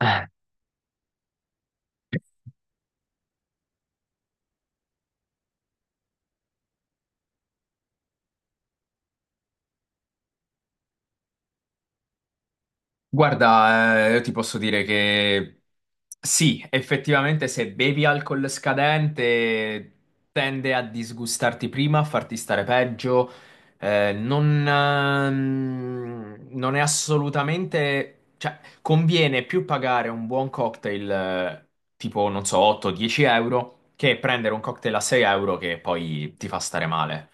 Eh, Guarda, io ti posso dire che sì, effettivamente se bevi alcol scadente tende a disgustarti prima, a farti stare peggio. Non è assolutamente... cioè, conviene più pagare un buon cocktail tipo, non so, 8-10 euro che prendere un cocktail a 6 euro che poi ti fa stare male.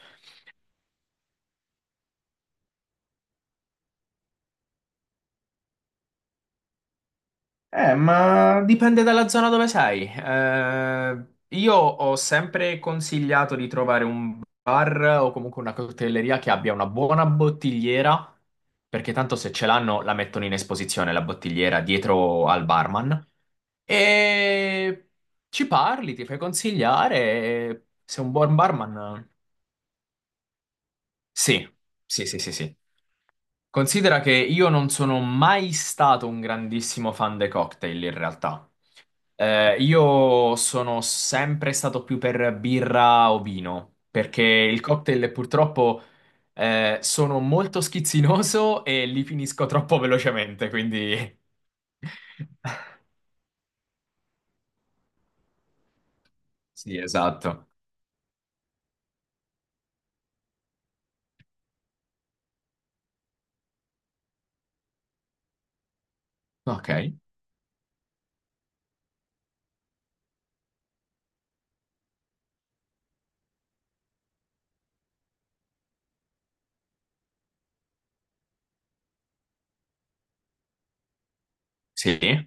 Ma dipende dalla zona dove sei. Io ho sempre consigliato di trovare un bar o comunque una cocktaileria che abbia una buona bottigliera, perché tanto se ce l'hanno la mettono in esposizione la bottigliera dietro al barman. E ci parli, ti fai consigliare. Se un buon barman. Sì, sì, sì, sì, sì. Considera che io non sono mai stato un grandissimo fan dei cocktail in realtà. Io sono sempre stato più per birra o vino, perché il cocktail purtroppo sono molto schizzinoso e li finisco troppo velocemente, quindi... Sì, esatto. Ok, sì.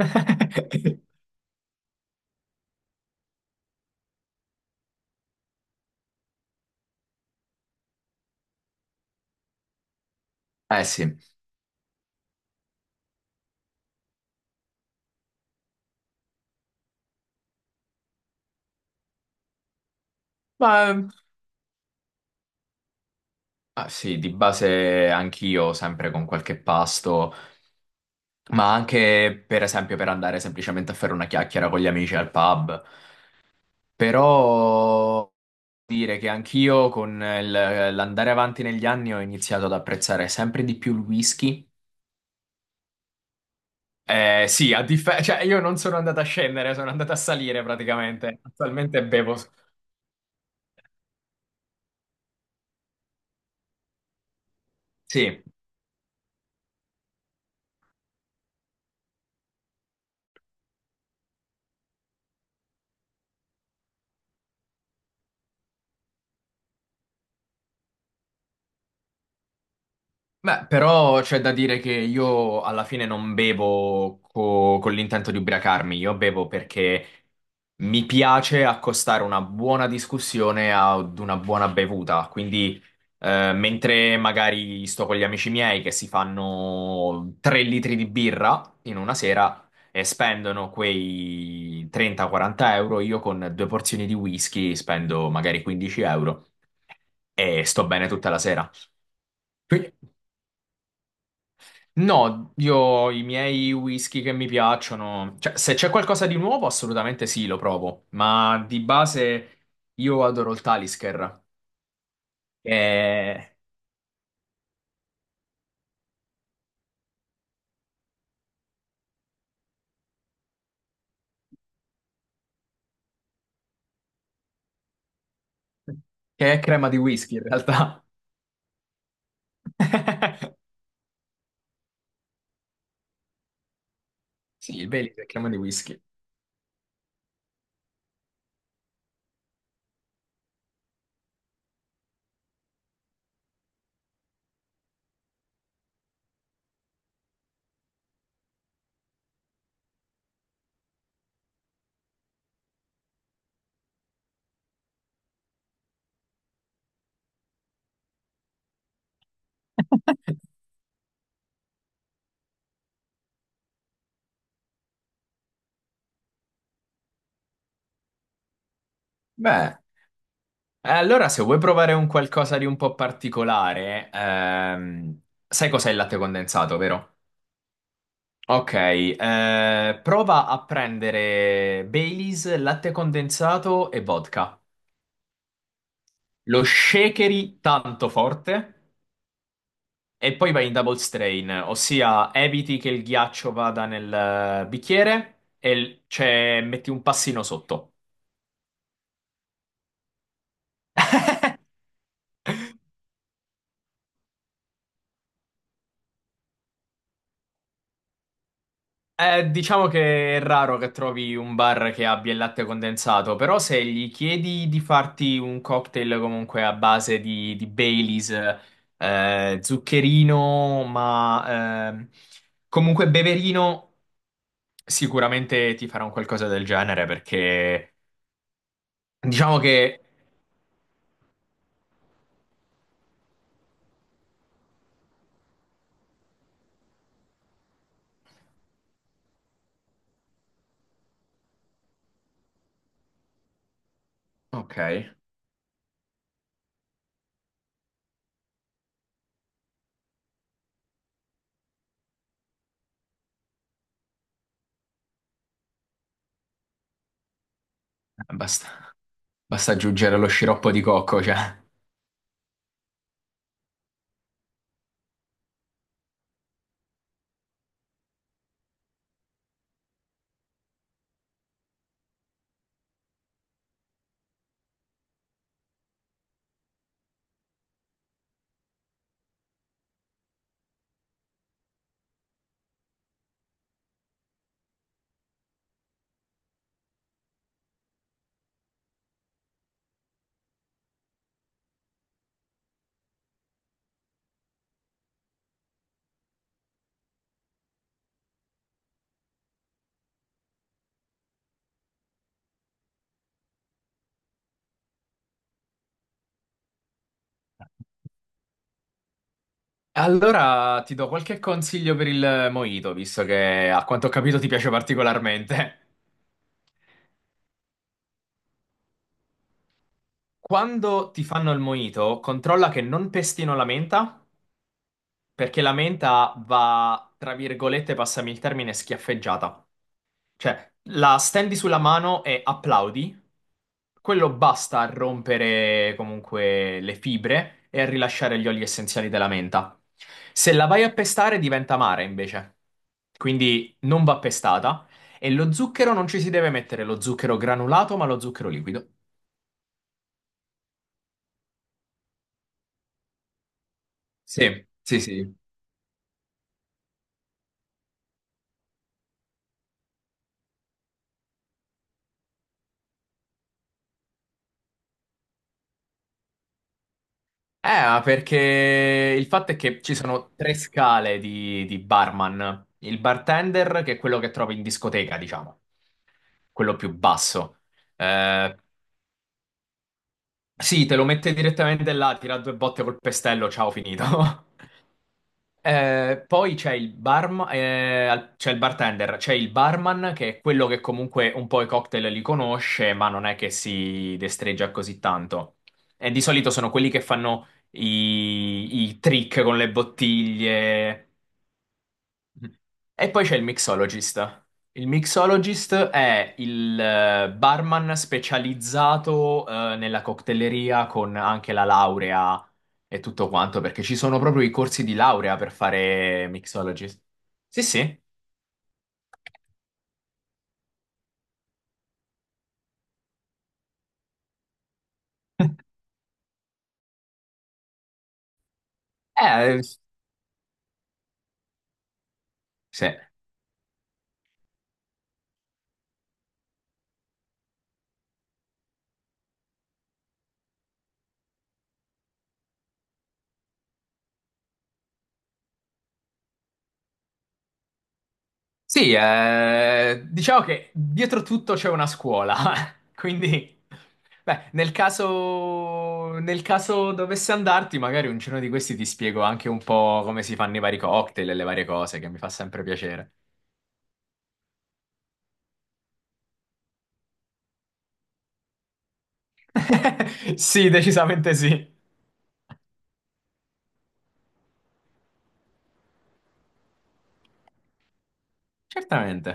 Eh sì, ma ah, sì, di base anch'io sempre con qualche pasto, ma anche per esempio per andare semplicemente a fare una chiacchiera con gli amici al pub. Però dire che anch'io con il- l'andare avanti negli anni ho iniziato ad apprezzare sempre di più il whisky. Sì, a differenza, cioè io non sono andato a scendere, sono andato a salire praticamente. Attualmente bevo. Sì. Beh, però c'è da dire che io alla fine non bevo co- con l'intento di ubriacarmi, io bevo perché mi piace accostare una buona discussione ad una buona bevuta. Quindi, mentre magari sto con gli amici miei che si fanno 3 litri di birra in una sera e spendono quei 30-40 euro, io con due porzioni di whisky spendo magari 15 euro e sto bene tutta la sera. No, io i miei whisky che mi piacciono, cioè se c'è qualcosa di nuovo assolutamente sì, lo provo, ma di base io adoro il Talisker, che, che è crema di whisky in realtà. Sì, il Baileys è crema di whisky. Beh, allora se vuoi provare un qualcosa di un po' particolare, sai cos'è il latte condensato, vero? Ok, prova a prendere Baileys, latte condensato e vodka. Lo shakeri tanto forte e poi vai in double strain, ossia eviti che il ghiaccio vada nel bicchiere cioè, metti un passino sotto. Diciamo che è raro che trovi un bar che abbia il latte condensato, però se gli chiedi di farti un cocktail comunque a base di Baileys, zuccherino, ma comunque beverino, sicuramente ti farà un qualcosa del genere perché diciamo che... Ok, basta, basta aggiungere lo sciroppo di cocco, cioè... Allora ti do qualche consiglio per il mojito, visto che a quanto ho capito ti piace particolarmente. Quando ti fanno il mojito, controlla che non pestino la menta, perché la menta va, tra virgolette, passami il termine, schiaffeggiata. Cioè, la stendi sulla mano e applaudi. Quello basta a rompere comunque le fibre e a rilasciare gli oli essenziali della menta. Se la vai a pestare diventa amara invece. Quindi non va pestata. E lo zucchero non ci si deve mettere lo zucchero granulato, ma lo zucchero liquido. Sì, sì, sì. Ma perché il fatto è che ci sono tre scale di barman. Il bartender, che è quello che trovi in discoteca, diciamo, quello più basso. Eh, sì, te lo mette direttamente là, tira due botte col pestello, ciao, finito. Poi c'è il bartender, c'è il barman che è quello che comunque un po' i cocktail li conosce, ma non è che si destreggia così tanto. E di solito sono quelli che fanno i trick con le bottiglie. Mm. E poi c'è il mixologist. Il mixologist è il barman specializzato nella coctelleria con anche la laurea e tutto quanto, perché ci sono proprio i corsi di laurea per fare mixologist. Sì, sì. Eh, sì. Sì, diciamo che dietro tutto c'è una scuola, quindi beh, nel caso dovesse andarti, magari un giorno di questi ti spiego anche un po' come si fanno i vari cocktail e le varie cose, che mi fa sempre piacere. Sì, decisamente sì. Certamente.